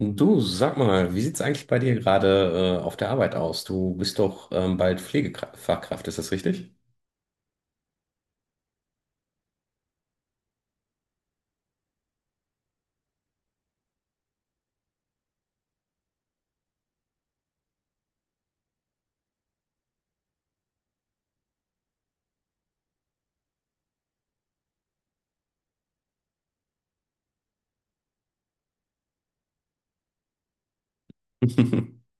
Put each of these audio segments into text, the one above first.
Du, sag mal, wie sieht's eigentlich bei dir gerade auf der Arbeit aus? Du bist doch bald Pflegefachkraft, ist das richtig?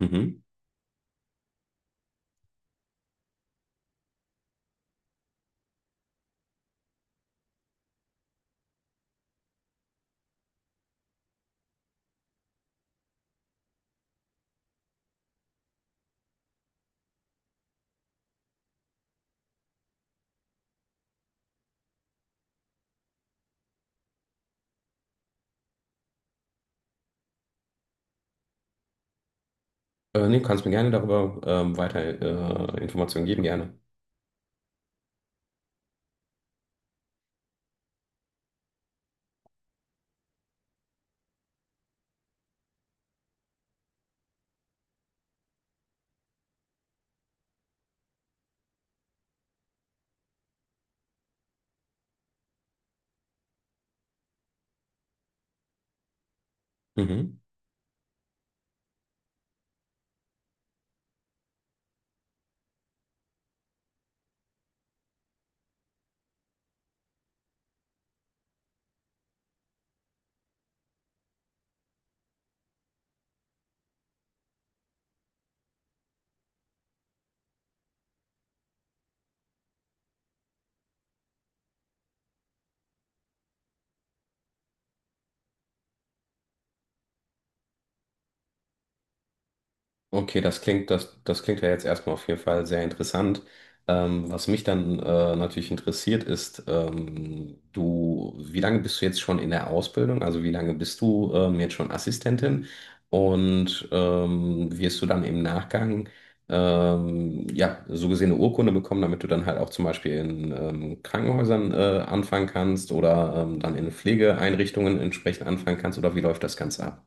Mhm. Nee, kannst mir gerne darüber weiter Informationen geben, gerne. Mhm. Okay, das klingt, das klingt ja jetzt erstmal auf jeden Fall sehr interessant. Was mich dann natürlich interessiert ist, du, wie lange bist du jetzt schon in der Ausbildung? Also wie lange bist du jetzt schon Assistentin? Und wirst du dann im Nachgang ja, so gesehen eine Urkunde bekommen, damit du dann halt auch zum Beispiel in Krankenhäusern anfangen kannst oder dann in Pflegeeinrichtungen entsprechend anfangen kannst? Oder wie läuft das Ganze ab?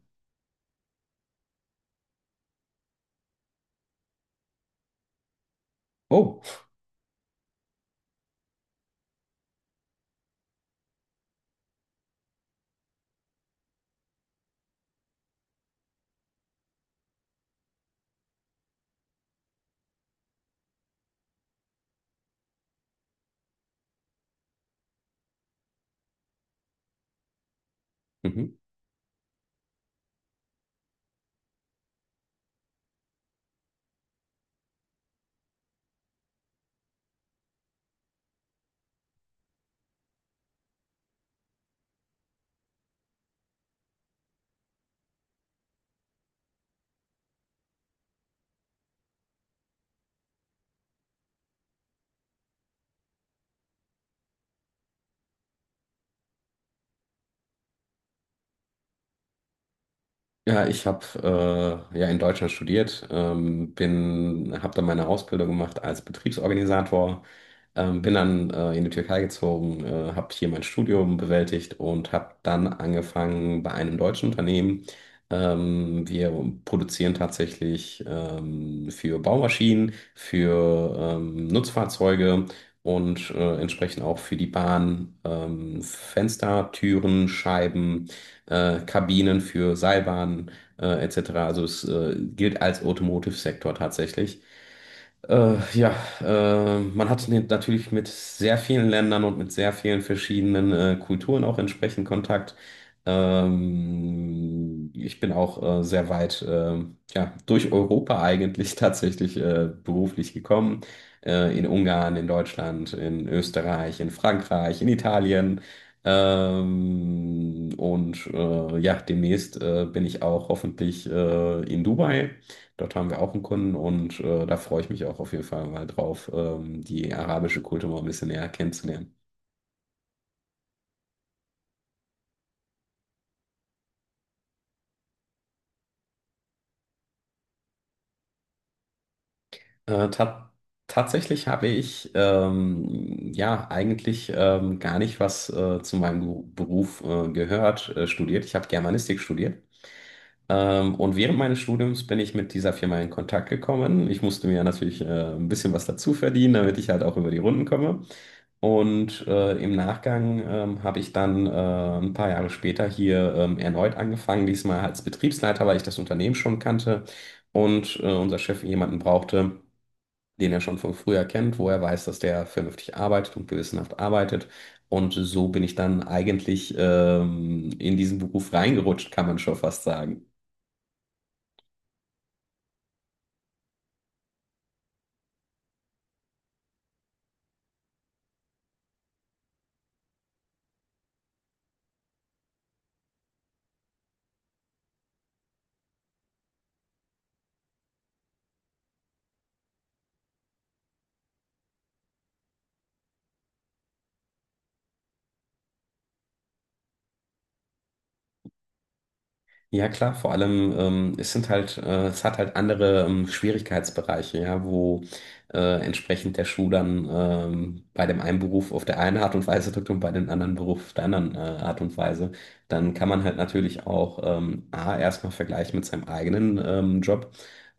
Oh. Mhm. Ja, ich habe ja in Deutschland studiert, habe dann meine Ausbildung gemacht als Betriebsorganisator, bin dann in die Türkei gezogen, habe hier mein Studium bewältigt und habe dann angefangen bei einem deutschen Unternehmen. Wir produzieren tatsächlich für Baumaschinen, für Nutzfahrzeuge und entsprechend auch für die Bahn Fenster, Türen, Scheiben Kabinen für Seilbahnen etc. Also es gilt als Automotive-Sektor tatsächlich. Äh, ja, Man hat natürlich mit sehr vielen Ländern und mit sehr vielen verschiedenen Kulturen auch entsprechend Kontakt. Ich bin auch sehr weit ja, durch Europa eigentlich tatsächlich beruflich gekommen. In Ungarn, in Deutschland, in Österreich, in Frankreich, in Italien. Ja, demnächst bin ich auch hoffentlich in Dubai. Dort haben wir auch einen Kunden und da freue ich mich auch auf jeden Fall mal drauf, die arabische Kultur mal ein bisschen näher kennenzulernen. Ta tatsächlich habe ich ja eigentlich gar nicht was zu meinem Beruf gehört, studiert. Ich habe Germanistik studiert. Und während meines Studiums bin ich mit dieser Firma in Kontakt gekommen. Ich musste mir natürlich ein bisschen was dazu verdienen, damit ich halt auch über die Runden komme. Und im Nachgang habe ich dann ein paar Jahre später hier erneut angefangen, diesmal als Betriebsleiter, weil ich das Unternehmen schon kannte und unser Chef jemanden brauchte, den er schon von früher kennt, wo er weiß, dass der vernünftig arbeitet und gewissenhaft arbeitet. Und so bin ich dann eigentlich in diesen Beruf reingerutscht, kann man schon fast sagen. Ja, klar, vor allem, es sind halt, es hat halt andere Schwierigkeitsbereiche, ja, wo entsprechend der Schuh dann bei dem einen Beruf auf der einen Art und Weise drückt und bei dem anderen Beruf auf der anderen Art und Weise. Dann kann man halt natürlich auch A, erstmal vergleichen mit seinem eigenen Job,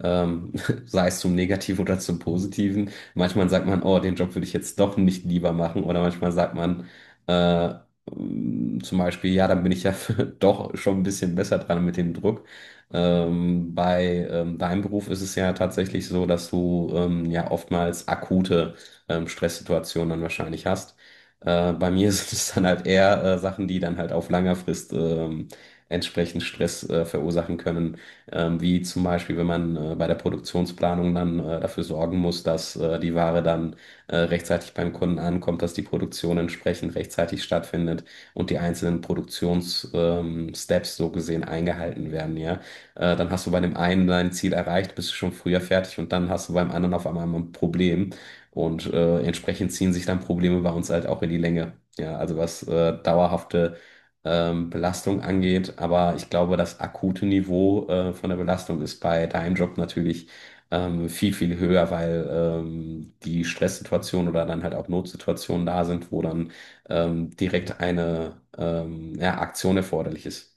ähm, sei es zum Negativen oder zum Positiven. Manchmal sagt man, oh, den Job würde ich jetzt doch nicht lieber machen, oder manchmal sagt man, äh, zum Beispiel, ja, dann bin ich ja doch schon ein bisschen besser dran mit dem Druck. Bei deinem Beruf ist es ja tatsächlich so, dass du ja oftmals akute Stresssituationen dann wahrscheinlich hast. Bei mir sind es dann halt eher Sachen, die dann halt auf langer Frist entsprechend Stress verursachen können. Wie zum Beispiel, wenn man bei der Produktionsplanung dann dafür sorgen muss, dass die Ware dann rechtzeitig beim Kunden ankommt, dass die Produktion entsprechend rechtzeitig stattfindet und die einzelnen Produktionssteps Steps so gesehen eingehalten werden, ja. Dann hast du bei dem einen dein Ziel erreicht, bist du schon früher fertig und dann hast du beim anderen auf einmal ein Problem und entsprechend ziehen sich dann Probleme bei uns halt auch in die Länge, ja. Also was dauerhafte Belastung angeht, aber ich glaube, das akute Niveau von der Belastung ist bei deinem Job natürlich viel, viel höher, weil die Stresssituationen oder dann halt auch Notsituationen da sind, wo dann direkt eine ja, Aktion erforderlich ist.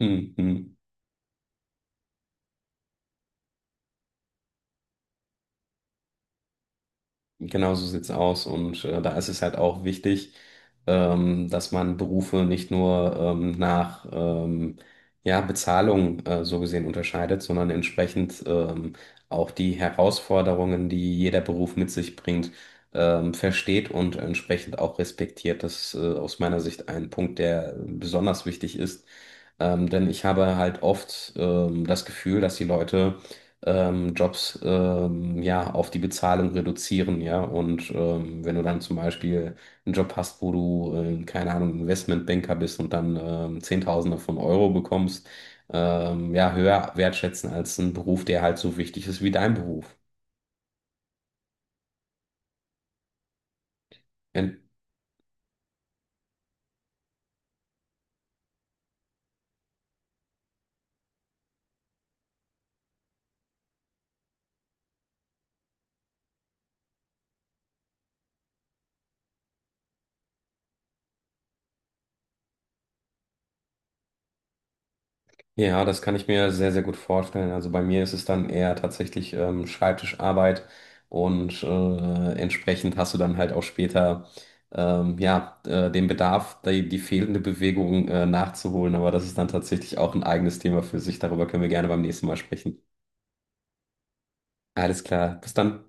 Mhm. Genau so sieht's aus. Und da ist es halt auch wichtig, dass man Berufe nicht nur nach ja, Bezahlung so gesehen unterscheidet, sondern entsprechend auch die Herausforderungen, die jeder Beruf mit sich bringt, versteht und entsprechend auch respektiert. Das ist aus meiner Sicht ein Punkt, der besonders wichtig ist. Denn ich habe halt oft das Gefühl, dass die Leute Jobs ja auf die Bezahlung reduzieren, ja. Und wenn du dann zum Beispiel einen Job hast, wo du, keine Ahnung, Investmentbanker bist und dann Zehntausende von Euro bekommst, ja, höher wertschätzen als einen Beruf, der halt so wichtig ist wie dein Beruf. Ja, das kann ich mir sehr, sehr gut vorstellen. Also bei mir ist es dann eher tatsächlich Schreibtischarbeit und entsprechend hast du dann halt auch später ja, den Bedarf, die fehlende Bewegung nachzuholen. Aber das ist dann tatsächlich auch ein eigenes Thema für sich. Darüber können wir gerne beim nächsten Mal sprechen. Alles klar, bis dann.